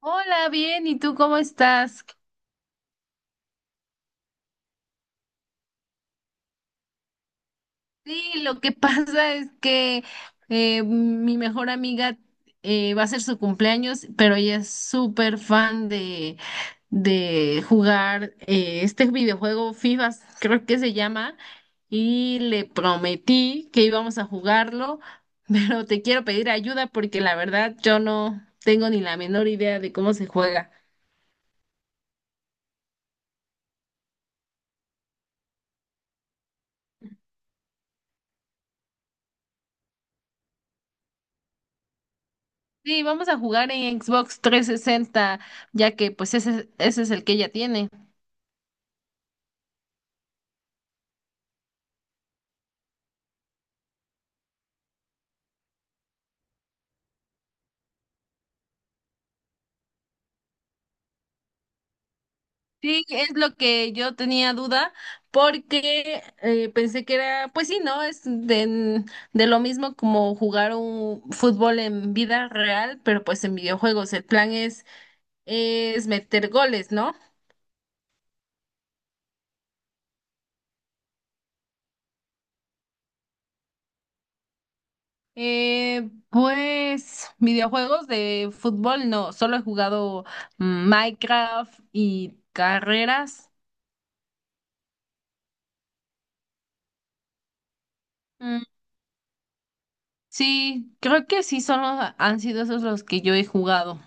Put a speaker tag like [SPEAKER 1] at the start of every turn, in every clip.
[SPEAKER 1] Hola, bien, ¿y tú cómo estás? Sí, lo que pasa es que mi mejor amiga va a ser su cumpleaños, pero ella es súper fan de jugar este videojuego FIFA, creo que se llama, y le prometí que íbamos a jugarlo, pero te quiero pedir ayuda porque la verdad yo no tengo ni la menor idea de cómo se juega. Sí, vamos a jugar en Xbox 360, ya que pues ese es el que ella tiene. Sí, es lo que yo tenía duda, porque pensé que era, pues sí, ¿no? Es de lo mismo como jugar un fútbol en vida real, pero pues en videojuegos. Es meter goles, ¿no? Pues videojuegos de fútbol, no, solo he jugado mm, Minecraft y carreras. Sí, creo que sí son han sido esos los que yo he jugado.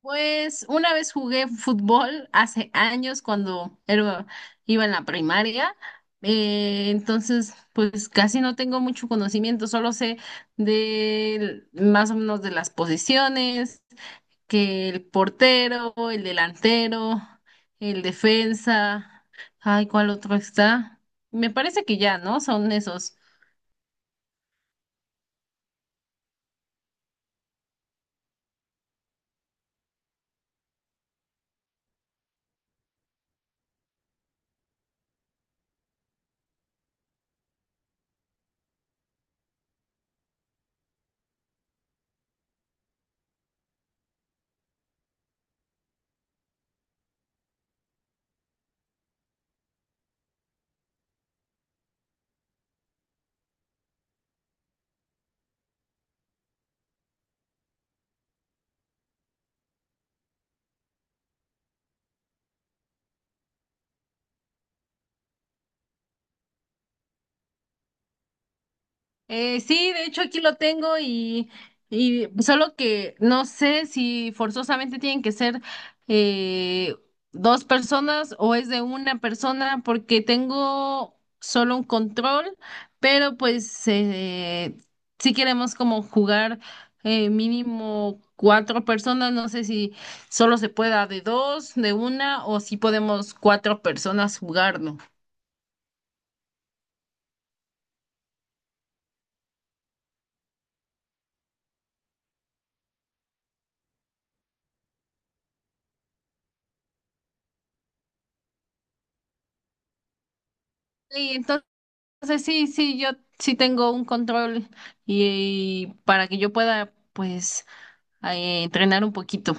[SPEAKER 1] Pues una vez jugué fútbol hace años iba en la primaria. Entonces, pues casi no tengo mucho conocimiento, solo sé de más o menos de las posiciones, que el portero, el delantero, el defensa, ay, ¿cuál otro está? Me parece que ya, ¿no? Son esos. Sí, de hecho aquí lo tengo y solo que no sé si forzosamente tienen que ser eh, dos personas o es de una persona porque tengo solo un control, pero pues si queremos como jugar mínimo cuatro personas, no sé si solo se pueda de dos, de una o si podemos cuatro personas jugarlo. Sí, entonces sí, sí, yo sí tengo un control y para que yo pueda pues entrenar un poquito.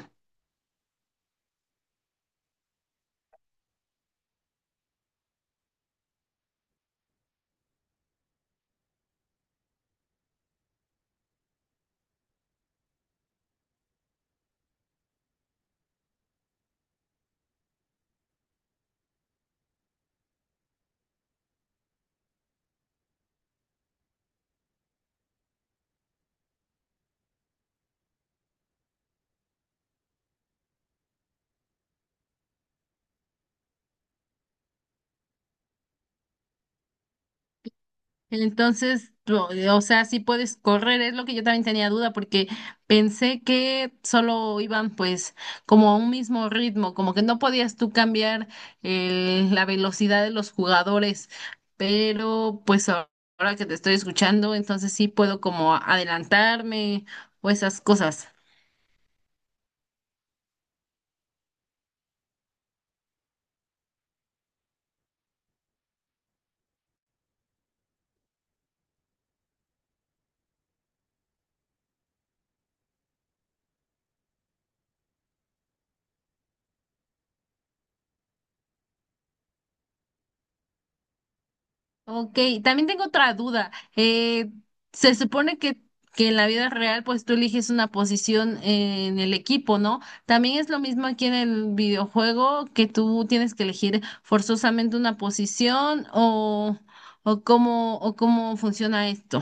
[SPEAKER 1] Entonces, lo- o sea, sí puedes correr, es lo que yo también tenía duda porque pensé que solo iban pues como a un mismo ritmo, como que no podías tú cambiar la velocidad de los jugadores, pero ahora que te estoy escuchando, entonces sí puedo como adelantarme o esas cosas. Ok, también tengo otra duda. Eh, se supone que en la vida real, pues tú eliges una posición en el equipo, ¿no? También es lo mismo aquí en el videojuego que tú tienes que elegir forzosamente una posición o cómo funciona esto.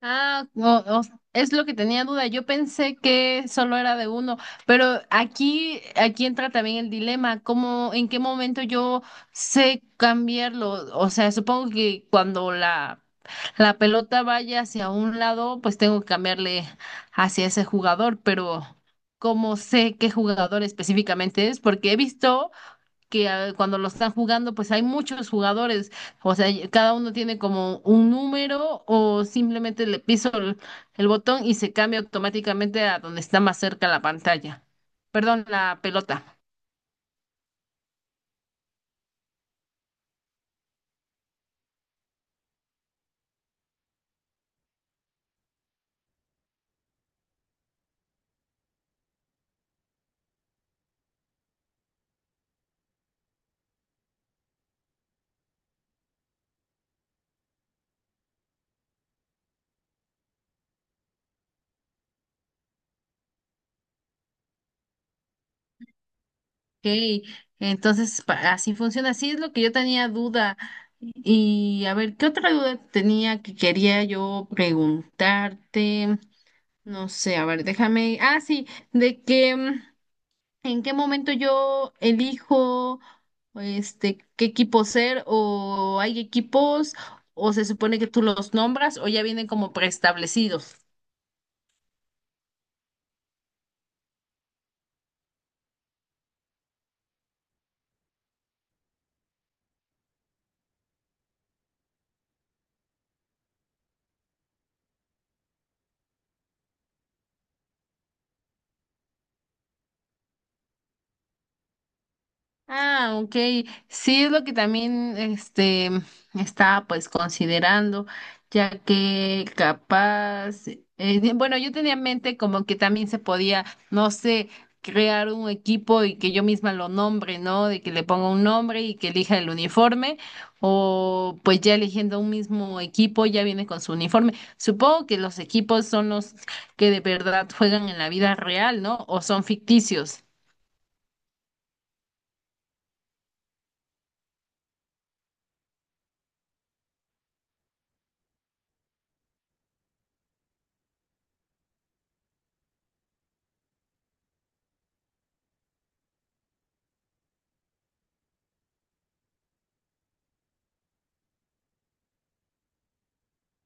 [SPEAKER 1] Ah, o- es lo que tenía duda. Yo pensé que solo era de uno, pero aquí entra también el dilema, ¿cómo, en qué momento yo sé cambiarlo? O sea, supongo que cuando la pelota vaya hacia un lado, pues tengo que cambiarle hacia ese jugador, pero ¿cómo sé qué jugador específicamente es? Porque he visto que ah, cuando lo están jugando, pues hay muchos jugadores, o sea, y- cada uno tiene como un número o simplemente le piso el botón y se cambia automáticamente a donde está más cerca la pantalla, perdón, la pelota. Ok, entonces así funciona, así es lo que yo tenía duda. Y a ver, ¿qué otra duda tenía que quería yo preguntarte? No sé, a ver, déjame. Ah, sí, de que mm, en qué momento yo elijo este qué equipo ser o hay equipos o se supone que tú los nombras o ya vienen como preestablecidos. Ah, ok. Sí, es lo que también este estaba pues considerando, ya que capaz, bueno, yo tenía en mente como que también se podía, no sé, crear un equipo y que yo misma lo nombre, ¿no? De que le ponga un nombre y que elija el uniforme, o pues ya eligiendo un mismo equipo ya viene con su uniforme. Supongo que los equipos son los que de verdad juegan en la vida real, ¿no? O son ficticios.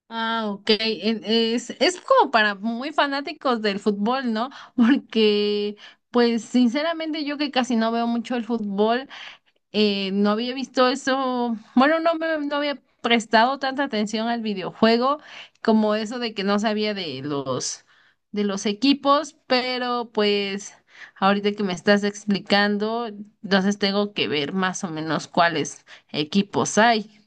[SPEAKER 1] Ah, ok. Es como para muy fanáticos del fútbol, ¿no? Porque, pues, sinceramente, yo que casi no veo mucho el fútbol, no había visto eso. Bueno, no había prestado tanta atención al videojuego como eso de que no sabía de los equipos, pero pues ahorita que me estás explicando, entonces tengo que ver más o menos cuáles equipos hay.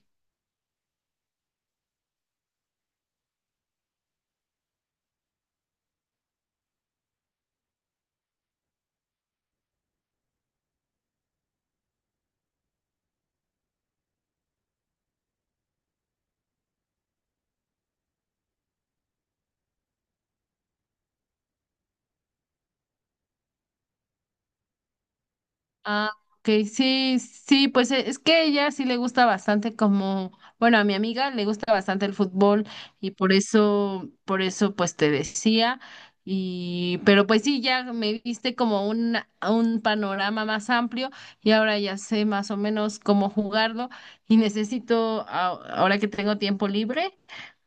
[SPEAKER 1] Ah, ok, sí, sí, pues es que ella sí le gusta bastante como, bueno, a mi amiga le gusta bastante el fútbol y por eso pues te decía y, pero pues sí, ya me diste como un panorama más amplio y ahora ya sé más o menos cómo jugarlo y ahora que tengo tiempo libre,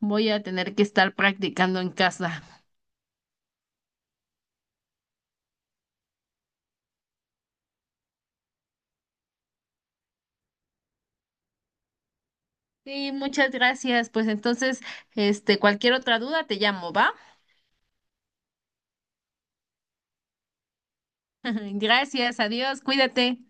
[SPEAKER 1] voy a tener que estar practicando en casa. Sí, muchas gracias. Pues entonces, este, cualquier otra duda te llamo, ¿va? Gracias, adiós, cuídate.